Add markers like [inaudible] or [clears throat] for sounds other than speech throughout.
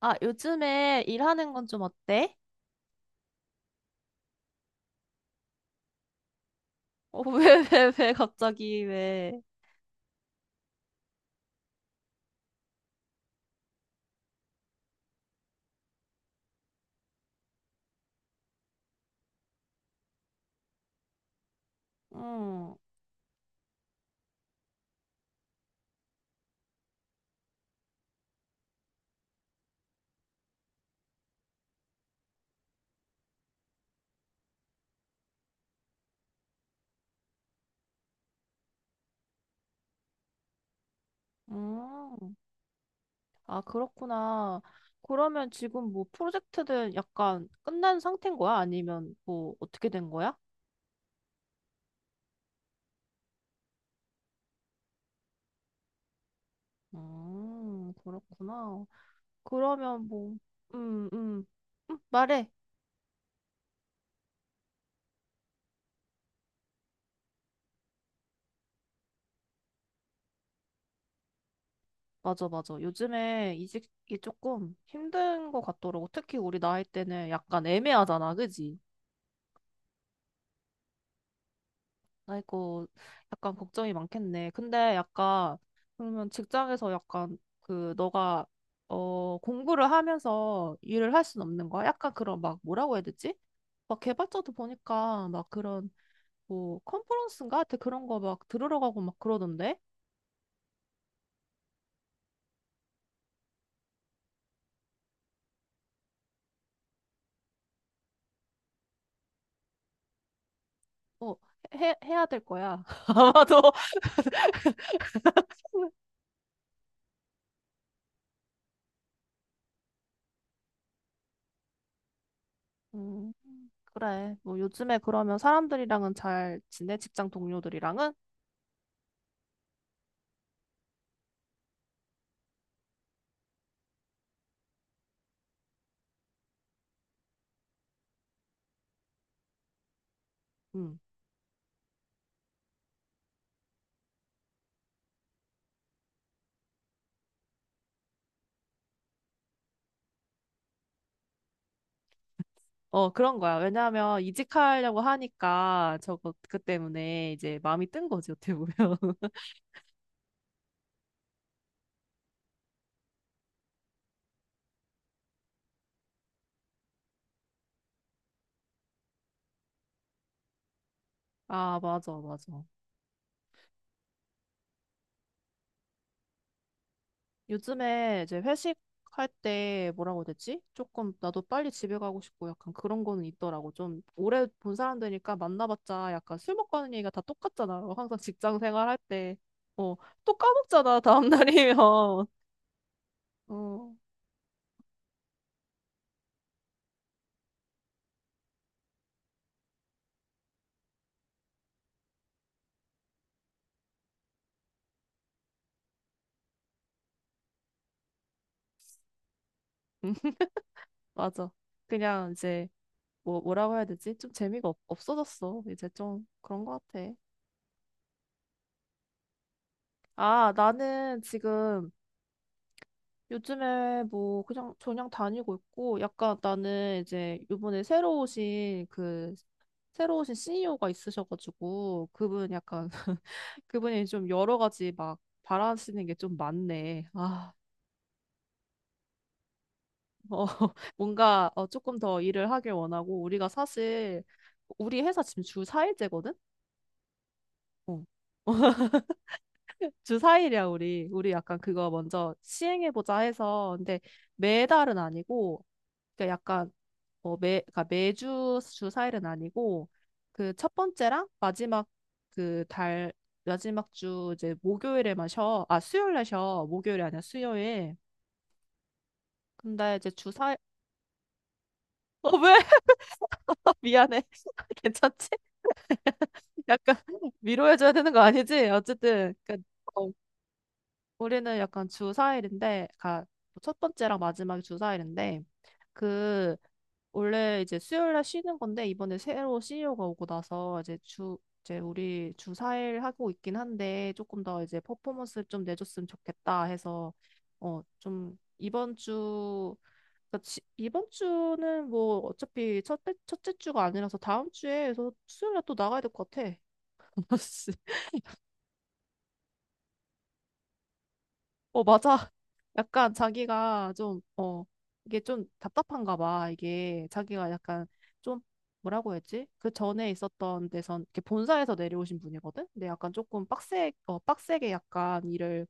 아, 요즘에 일하는 건 좀 어때? [laughs] 왜, 왜, 왜, 갑자기, 왜? 음, 음. 아, 그렇구나. 그러면 지금 뭐 프로젝트는 약간 끝난 상태인 거야? 아니면 뭐 어떻게 된 거야? 그렇구나. 그러면 뭐, 음, 음, 말해. 맞아, 맞아. 요즘에 이직이 조금 힘든 것 같더라고. 특히 우리 나이 때는 약간 애매하잖아, 그지? 아이고, 약간 걱정이 많겠네. 근데 약간, 그러면 직장에서 약간, 그, 너가, 공부를 하면서 일을 할 순 없는 거야? 약간 그런 막, 뭐라고 해야 되지? 막 개발자도 보니까 막 그런, 뭐, 컨퍼런스인가? 하여튼 그런 거 막 들으러 가고 막 그러던데? 어, 해야 될 거야. [laughs] 아마도. 음, 그래. 뭐, 요즘에 그러면 사람들이랑은 잘 지내? 직장 동료들이랑은? 음. 그런 거야. 왜냐하면 이직하려고 하니까 저거 그 때문에 이제 마음이 뜬 거지, 어떻게 보면. [laughs] 아, 맞아, 맞아. 요즘에 이제 회식할 때 뭐라고 해야 되지? 조금 나도 빨리 집에 가고 싶고 약간 그런 거는 있더라고. 좀 오래 본 사람들이니까 만나봤자 약간 술 먹고 하는 얘기가 다 똑같잖아. 항상 직장 생활할 때. 어, 또 까먹잖아, 다음날이면. [laughs] 어, [laughs] 맞아. 그냥 이제 뭐, 뭐라고 해야 되지? 좀 없어졌어. 이제 좀 그런 거 같아. 아, 나는 지금 요즘에 뭐 그냥 저냥 다니고 있고 약간 나는 이제 요번에 새로 오신 CEO가 있으셔가지고 그분 약간 [laughs] 그분이 좀 여러 가지 막 바라시는 게 좀 많네. 아, 어, [laughs] 뭔가 조금 더 일을 하길 원하고 우리가 사실 우리 회사 지금 주 4일제거든? 어. [laughs] 주 4일이야, 우리. 우리 약간 그거 먼저 시행해보자 해서. 근데 매달은 아니고, 그러니까 약간, 뭐 그러니까 매주 주 4일은 아니고, 그 첫 번째랑 마지막 그 달, 마지막 주 이제 목요일에만 쉬어. 아, 수요일에 쉬어. 목요일이 아니야, 수요일. 근데 이제 주 4일, 어, 왜? [laughs] 미안해. [laughs] 괜찮지? 약간 [laughs] 위로해줘야 되는 거 아니지? 어쨌든, 그, 어, 우리는 약간 주 4일인데, 그러니까 첫 번째랑 마지막이 주 4일인데, 그 원래 이제 수요일 날 쉬는 건데 이번에 새로 CEO가 오고 나서 이제 우리 주 4일 하고 있긴 한데 조금 더 이제 퍼포먼스를 좀 내줬으면 좋겠다 해서 좀 이번 주 그러니까 이번 주는 뭐 어차피 첫째 주가 아니라서 다음 주에 서 수요일 날 또 나가야 될 것 같아. [laughs] 어, 맞아. [laughs] 약간 자기가 좀, 이게 좀 답답한가 봐. 이게 자기가 약간 좀, 뭐라고 했지? 그 전에 있었던 데선, 이렇게 본사에서 내려오신 분이거든? 근데 약간 조금 빡세게 약간 일을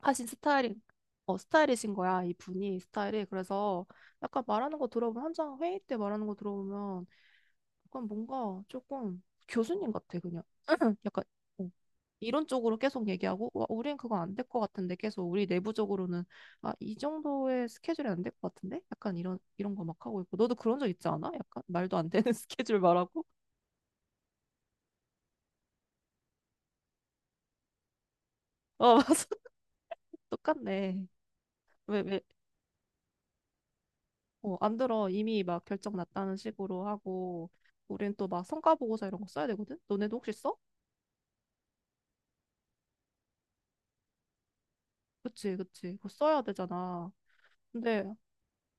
하신 스타일인, 스타일이신 거야. 이 분이 스타일이. 그래서 약간 말하는 거 들어보면, 한창 회의 때 말하는 거 들어보면, 약간 뭔가 조금 교수님 같아, 그냥. [clears throat] 약간, 어, 이런 쪽으로 계속 얘기하고 와, 우린 그거 안 될 것 같은데 계속 우리 내부적으로는 아, 이 정도의 스케줄이 안 될 것 같은데 약간 이런 이런 거 막 하고 있고 너도 그런 적 있지 않아? 약간 말도 안 되는 [laughs] 스케줄 말하고 어 맞아 [laughs] 똑같네 왜 왜 안 들어 이미 막 결정 났다는 식으로 하고 우린 또 막 성과 보고서 이런 거 써야 되거든 너네도 혹시 써? 그치 그치 그거 써야 되잖아 근데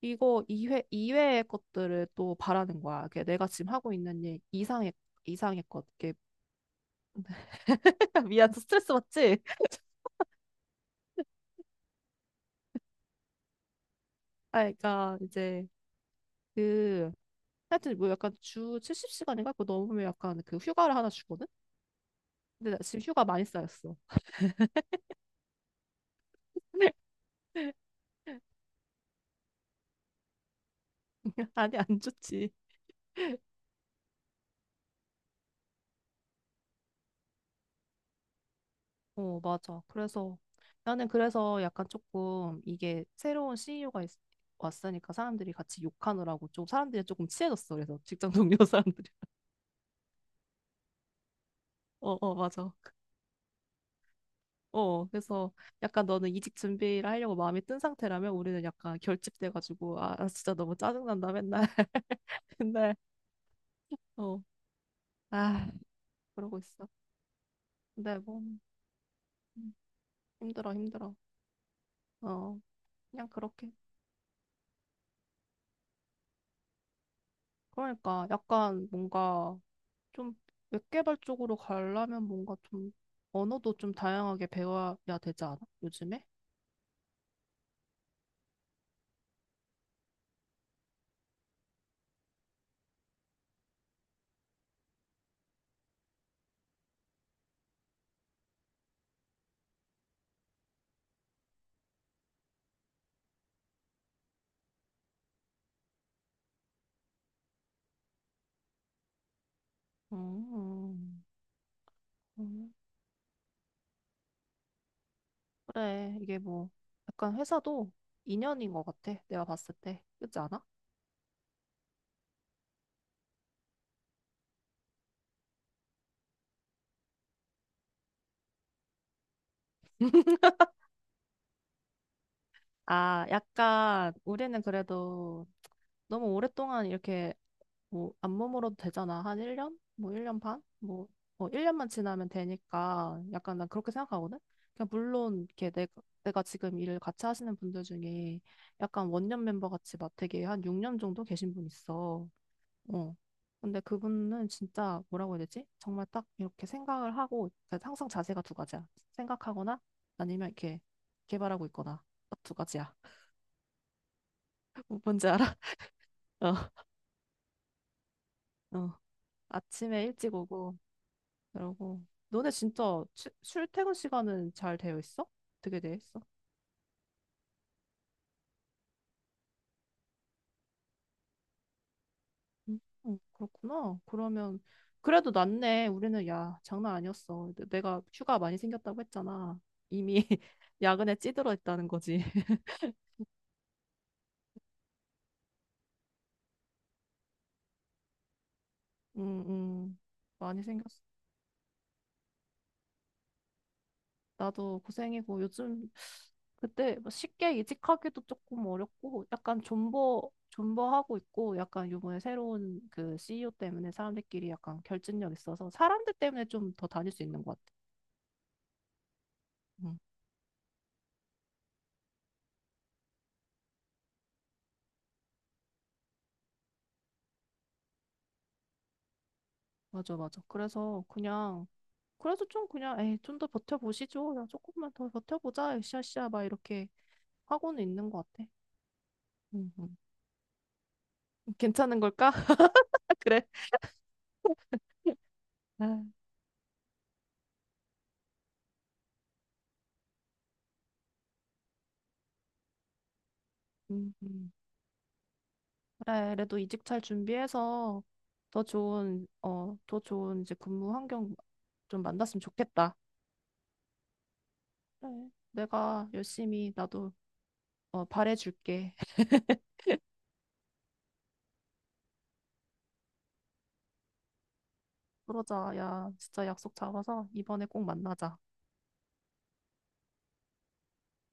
이거 이회이외의 것들을 또 바라는 거야. 이게 내가 지금 하고 있는 일 이상의, 이상의 것, 이게 [laughs] 미안, 너 스트레스 받지? 아, 그러니까 이제 그 하여튼 뭐 약간 주 70시간인가 그거 넘으면 약간 그 휴가를 하나 주거든? 근데 나 지금 휴가 많이 쌓였어. [laughs] 아니, 안 좋지. 어, 맞아. 그래서 나는 그래서 약간 조금 이게 새로운 CEO가 왔으니까 사람들이 같이 욕하느라고 좀 사람들이 조금 치해졌어 그래서 직장 동료 사람들이. [laughs] 어, 어, 맞아. 어, 그래서 약간 너는 이직 준비를 하려고 마음이 든 상태라면 우리는 약간 결집돼가지고 아, 진짜 너무 짜증난다 맨날 근데 어, 아, 그러고 있어. 근데 뭐 음, 힘들어, 힘들어. 어, 그냥 그렇게. 그러니까 약간 뭔가 좀 웹개발 쪽으로 가려면 뭔가 좀 언어도 좀 다양하게 배워야 되지 않아? 요즘에? 음, 음, 그래. 이게 뭐 약간 회사도 인연인 것 같아. 내가 봤을 때. 그렇지 않아? 아, 약간 우리는 그래도 너무 오랫동안 이렇게 뭐 안 머물어도 되잖아. 한 1년? 뭐 1년 반? 뭐 1년만 지나면 되니까 약간 난 그렇게 생각하거든. 그냥 물론 이렇게 내가 지금 일을 같이 하시는 분들 중에 약간 원년 멤버 같이 막 되게 한 6년 정도 계신 분 있어. 어. 근데 그분은 진짜 뭐라고 해야 되지? 정말 딱 이렇게 생각을 하고 그러니까 항상 자세가 두 가지야. 생각하거나 아니면 이렇게 개발하고 있거나 딱 두 가지야. [laughs] 뭔지 알아? [laughs] 어. 어. 아침에 일찍 오고 그러고 너네 진짜 출퇴근 시간은 잘 되어 있어? 어떻게 되어 있어? 음, 그렇구나. 그러면 그래도 낫네. 우리는 야, 장난 아니었어. 내가 휴가 많이 생겼다고 했잖아. 이미 [laughs] 야근에 찌들어 있다는 거지. [laughs] 음, 음, 많이 생겼어. 나도 고생이고 요즘 그때 뭐 쉽게 이직하기도 조금 어렵고 약간 존버하고 있고 약간 요번에 새로운 그 CEO 때문에 사람들끼리 약간 결집력 있어서 사람들 때문에 좀 더 다닐 수 있는 것 같아. 응, 맞아 맞아. 그래서 그냥 그래서 좀 그냥 에이 좀 더 버텨보시죠. 그냥 조금만 더 버텨보자. 으쌰으쌰 막 이렇게 하고는 있는 것 같아. 응, 응. 괜찮은 걸까? [laughs] 그래. 아, 음, 음. 그래, 그래도 이직 잘 준비해서 더 좋은, 더 좋은 이제 근무 환경 좀 만났으면 좋겠다. 그래, 내가 열심히 나도 바래줄게. [laughs] 그러자, 야, 진짜 약속 잡아서 이번에 꼭 만나자.